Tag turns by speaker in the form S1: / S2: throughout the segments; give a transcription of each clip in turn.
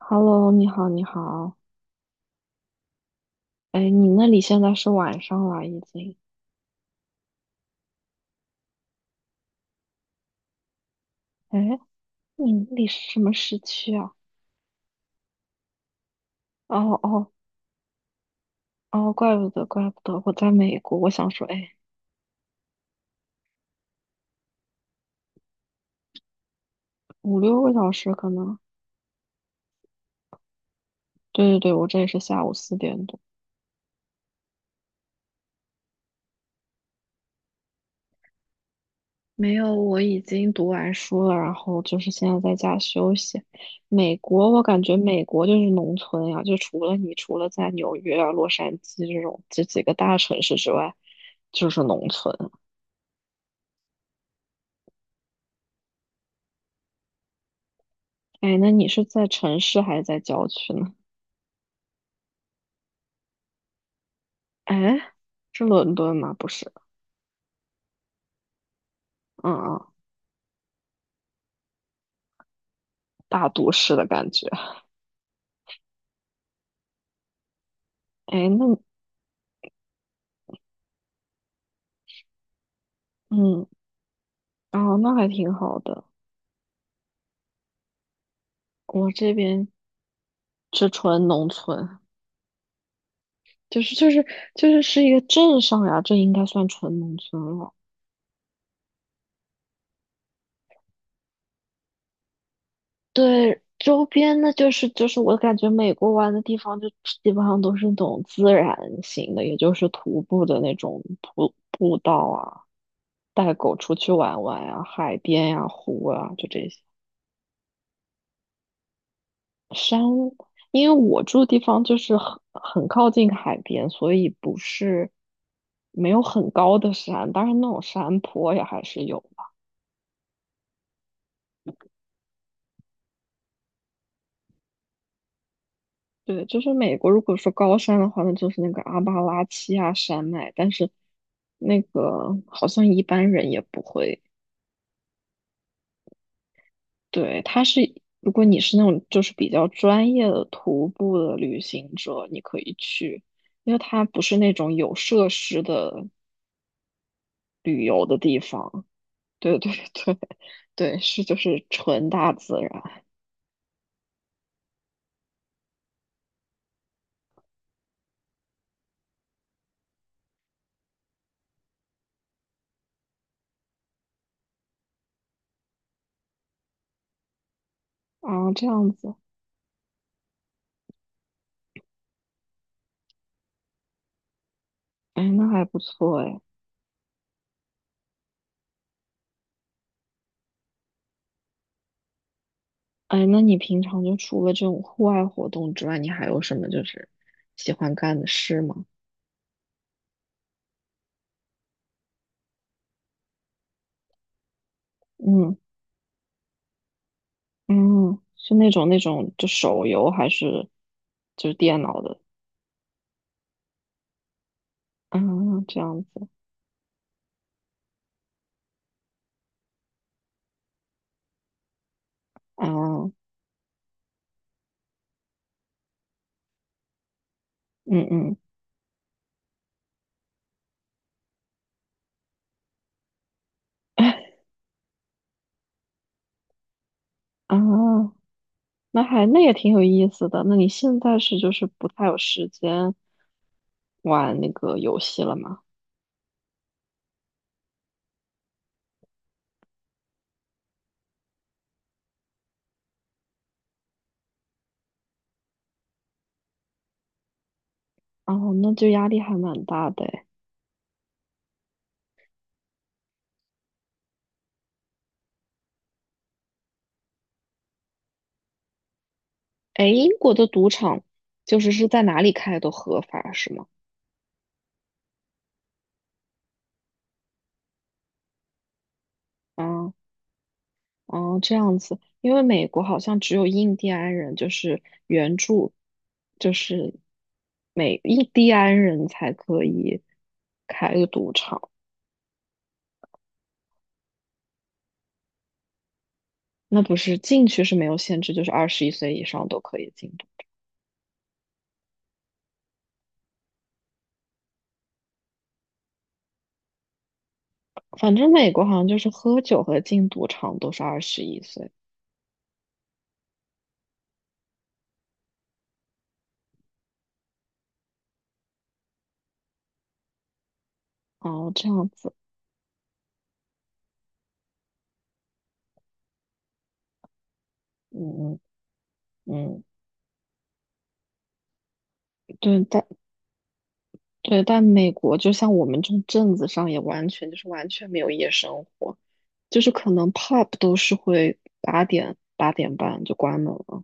S1: Hello，你好，你好。哎，你那里现在是晚上了，已经。哎，你那里是什么时区啊？哦哦哦，怪不得，怪不得，我在美国。我想说，哎，5、6个小时可能。对对对，我这里是下午4点多。没有，我已经读完书了，然后就是现在在家休息。美国，我感觉美国就是农村呀、就除了在纽约啊、洛杉矶这种这几个大城市之外，就是农村。哎，那你是在城市还是在郊区呢？哎，是伦敦吗？不是，嗯嗯，大都市的感觉。哎，嗯，哦，那还挺好的。我这边是纯农村，就是就是就是是一个镇上呀，这应该算纯农村了。对，周边呢，就是我感觉美国玩的地方就基本上都是那种自然型的，也就是徒步的那种步道啊，带狗出去玩玩呀、海边呀、湖啊，就这些山。因为我住的地方就是很靠近海边，所以不是没有很高的山，当然那种山坡也还是有。对，就是美国，如果说高山的话，那就是那个阿巴拉契亚山脉，但是那个好像一般人也不会。对，它是，如果你是那种就是比较专业的徒步的旅行者，你可以去，因为它不是那种有设施的旅游的地方。对对对 对，是就是纯大自然啊，这样子，哎，那还不错哎。哎，那你平常就除了这种户外活动之外，你还有什么就是喜欢干的事吗？嗯嗯，是那种就手游还是就是电脑的啊？这样子啊，嗯嗯 啊，那也挺有意思的。那你现在是就是不太有时间玩那个游戏了吗？哦，那就压力还蛮大的诶。哎，英国的赌场是在哪里开都合法是吗？啊哦，这样子，因为美国好像只有印第安人，就是原著，就是美印第安人才可以开个赌场。那不是进去是没有限制，就是二十一岁以上都可以进赌。反正美国好像就是喝酒和进赌场都是二十一岁。哦，这样子，嗯嗯嗯，对，但对，但美国就像我们这种镇子上也完全没有夜生活。就是可能 pub 都是会8点、8点半就关门了。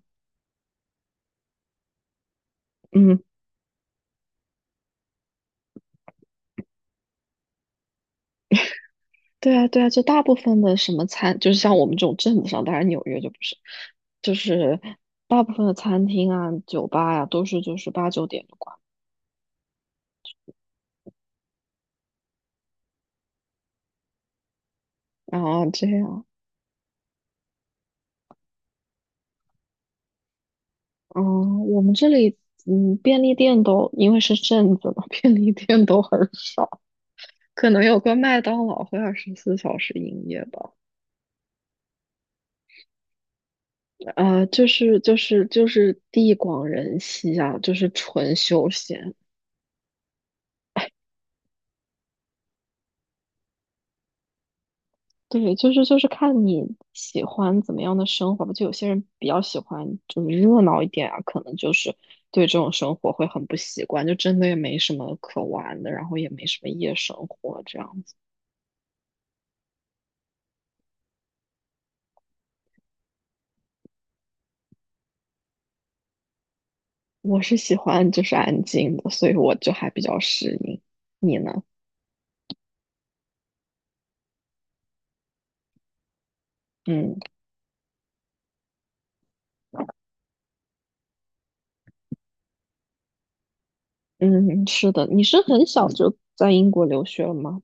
S1: 嗯，对啊，对啊，就大部分的什么餐，就是像我们这种镇子上，当然纽约就不是，就是大部分的餐厅啊、酒吧呀、都是就是8、9点就关。然后这样，嗯，我们这里，便利店都因为是镇子嘛，便利店都很少，可能有个麦当劳会24小时营业吧。就是地广人稀啊，就是纯休闲。对，就是看你喜欢怎么样的生活吧。就有些人比较喜欢就是热闹一点啊，可能就是对这种生活会很不习惯，就真的也没什么可玩的，然后也没什么夜生活这样子。我是喜欢就是安静的，所以我就还比较适应。你呢？嗯嗯，是的，你是很小就在英国留学了吗？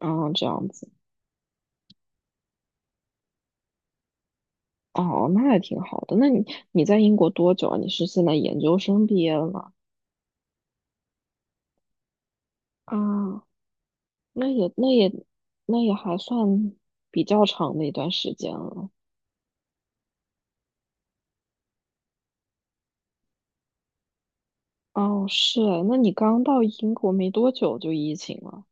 S1: 啊，这样子。哦，那也挺好的。那你在英国多久啊？你是现在研究生毕业了吗？啊，那也那也那也还算比较长的一段时间了。哦，是，那你刚到英国没多久就疫情了。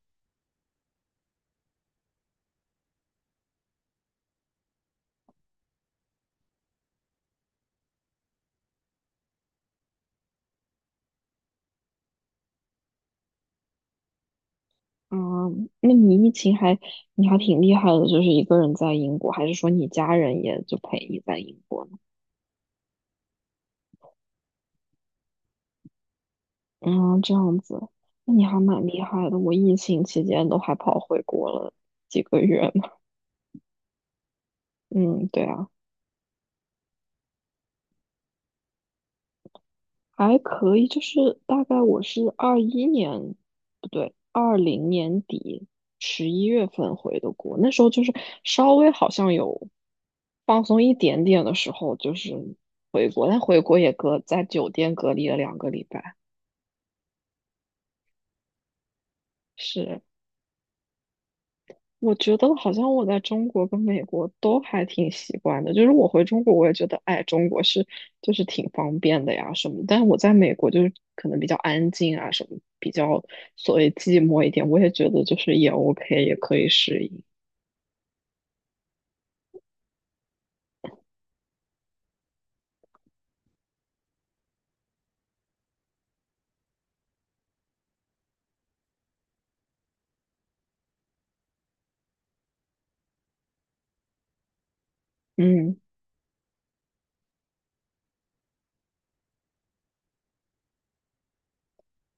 S1: 啊，那你疫情还你还挺厉害的，就是一个人在英国，还是说你家人也就陪你在英国呢？嗯，这样子，那你还蛮厉害的。我疫情期间都还跑回国了几个月呢。嗯，对啊。还可以，就是大概我是21年，不对，二零年底11月份回的国，那时候就是稍微好像有放松一点点的时候，就是回国，但回国也隔在酒店隔离了2个礼拜，是。我觉得好像我在中国跟美国都还挺习惯的，就是我回中国我也觉得，哎，中国是就是挺方便的呀什么，但是我在美国就是可能比较安静啊什么，比较所谓寂寞一点，我也觉得就是也 OK，也可以适应。嗯，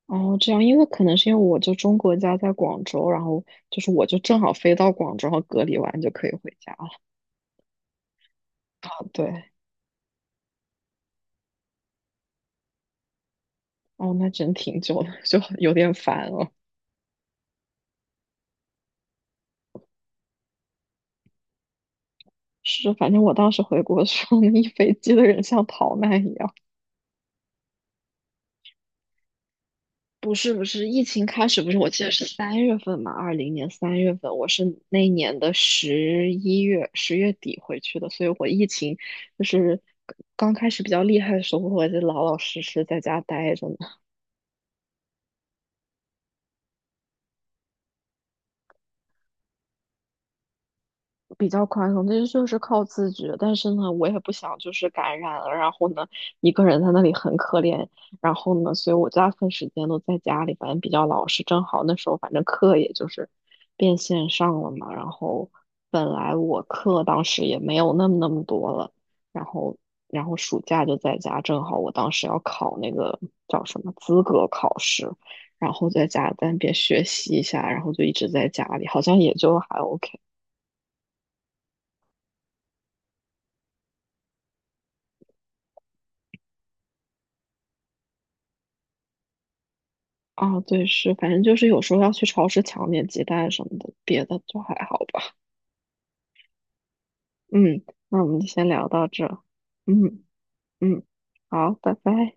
S1: 哦，这样，因为可能是因为我就中国家在广州，然后就是我就正好飞到广州，然后隔离完就可以回家了。对，哦，那真挺久的，就有点烦了。是，反正我当时回国的时候，那一飞机的人像逃难一样。不是不是，疫情开始不是，我记得是三月份嘛，二零年三月份，我是那一年的十一月10月底回去的，所以我疫情就是刚开始比较厉害的时候，我就老老实实在家待着，比较宽松，这就是靠自觉。但是呢，我也不想就是感染了，然后呢，一个人在那里很可怜。然后呢，所以我大部分时间都在家里，反正比较老实。正好那时候，反正课也就是变线上了嘛。然后本来我课当时也没有那么多了，然后然后暑假就在家，正好我当时要考那个叫什么资格考试，然后在家在那边学习一下，然后就一直在家里，好像也就还 OK。啊，对，是，反正就是有时候要去超市抢点鸡蛋什么的，别的就还好吧。嗯，那我们就先聊到这儿。嗯嗯，好，拜拜。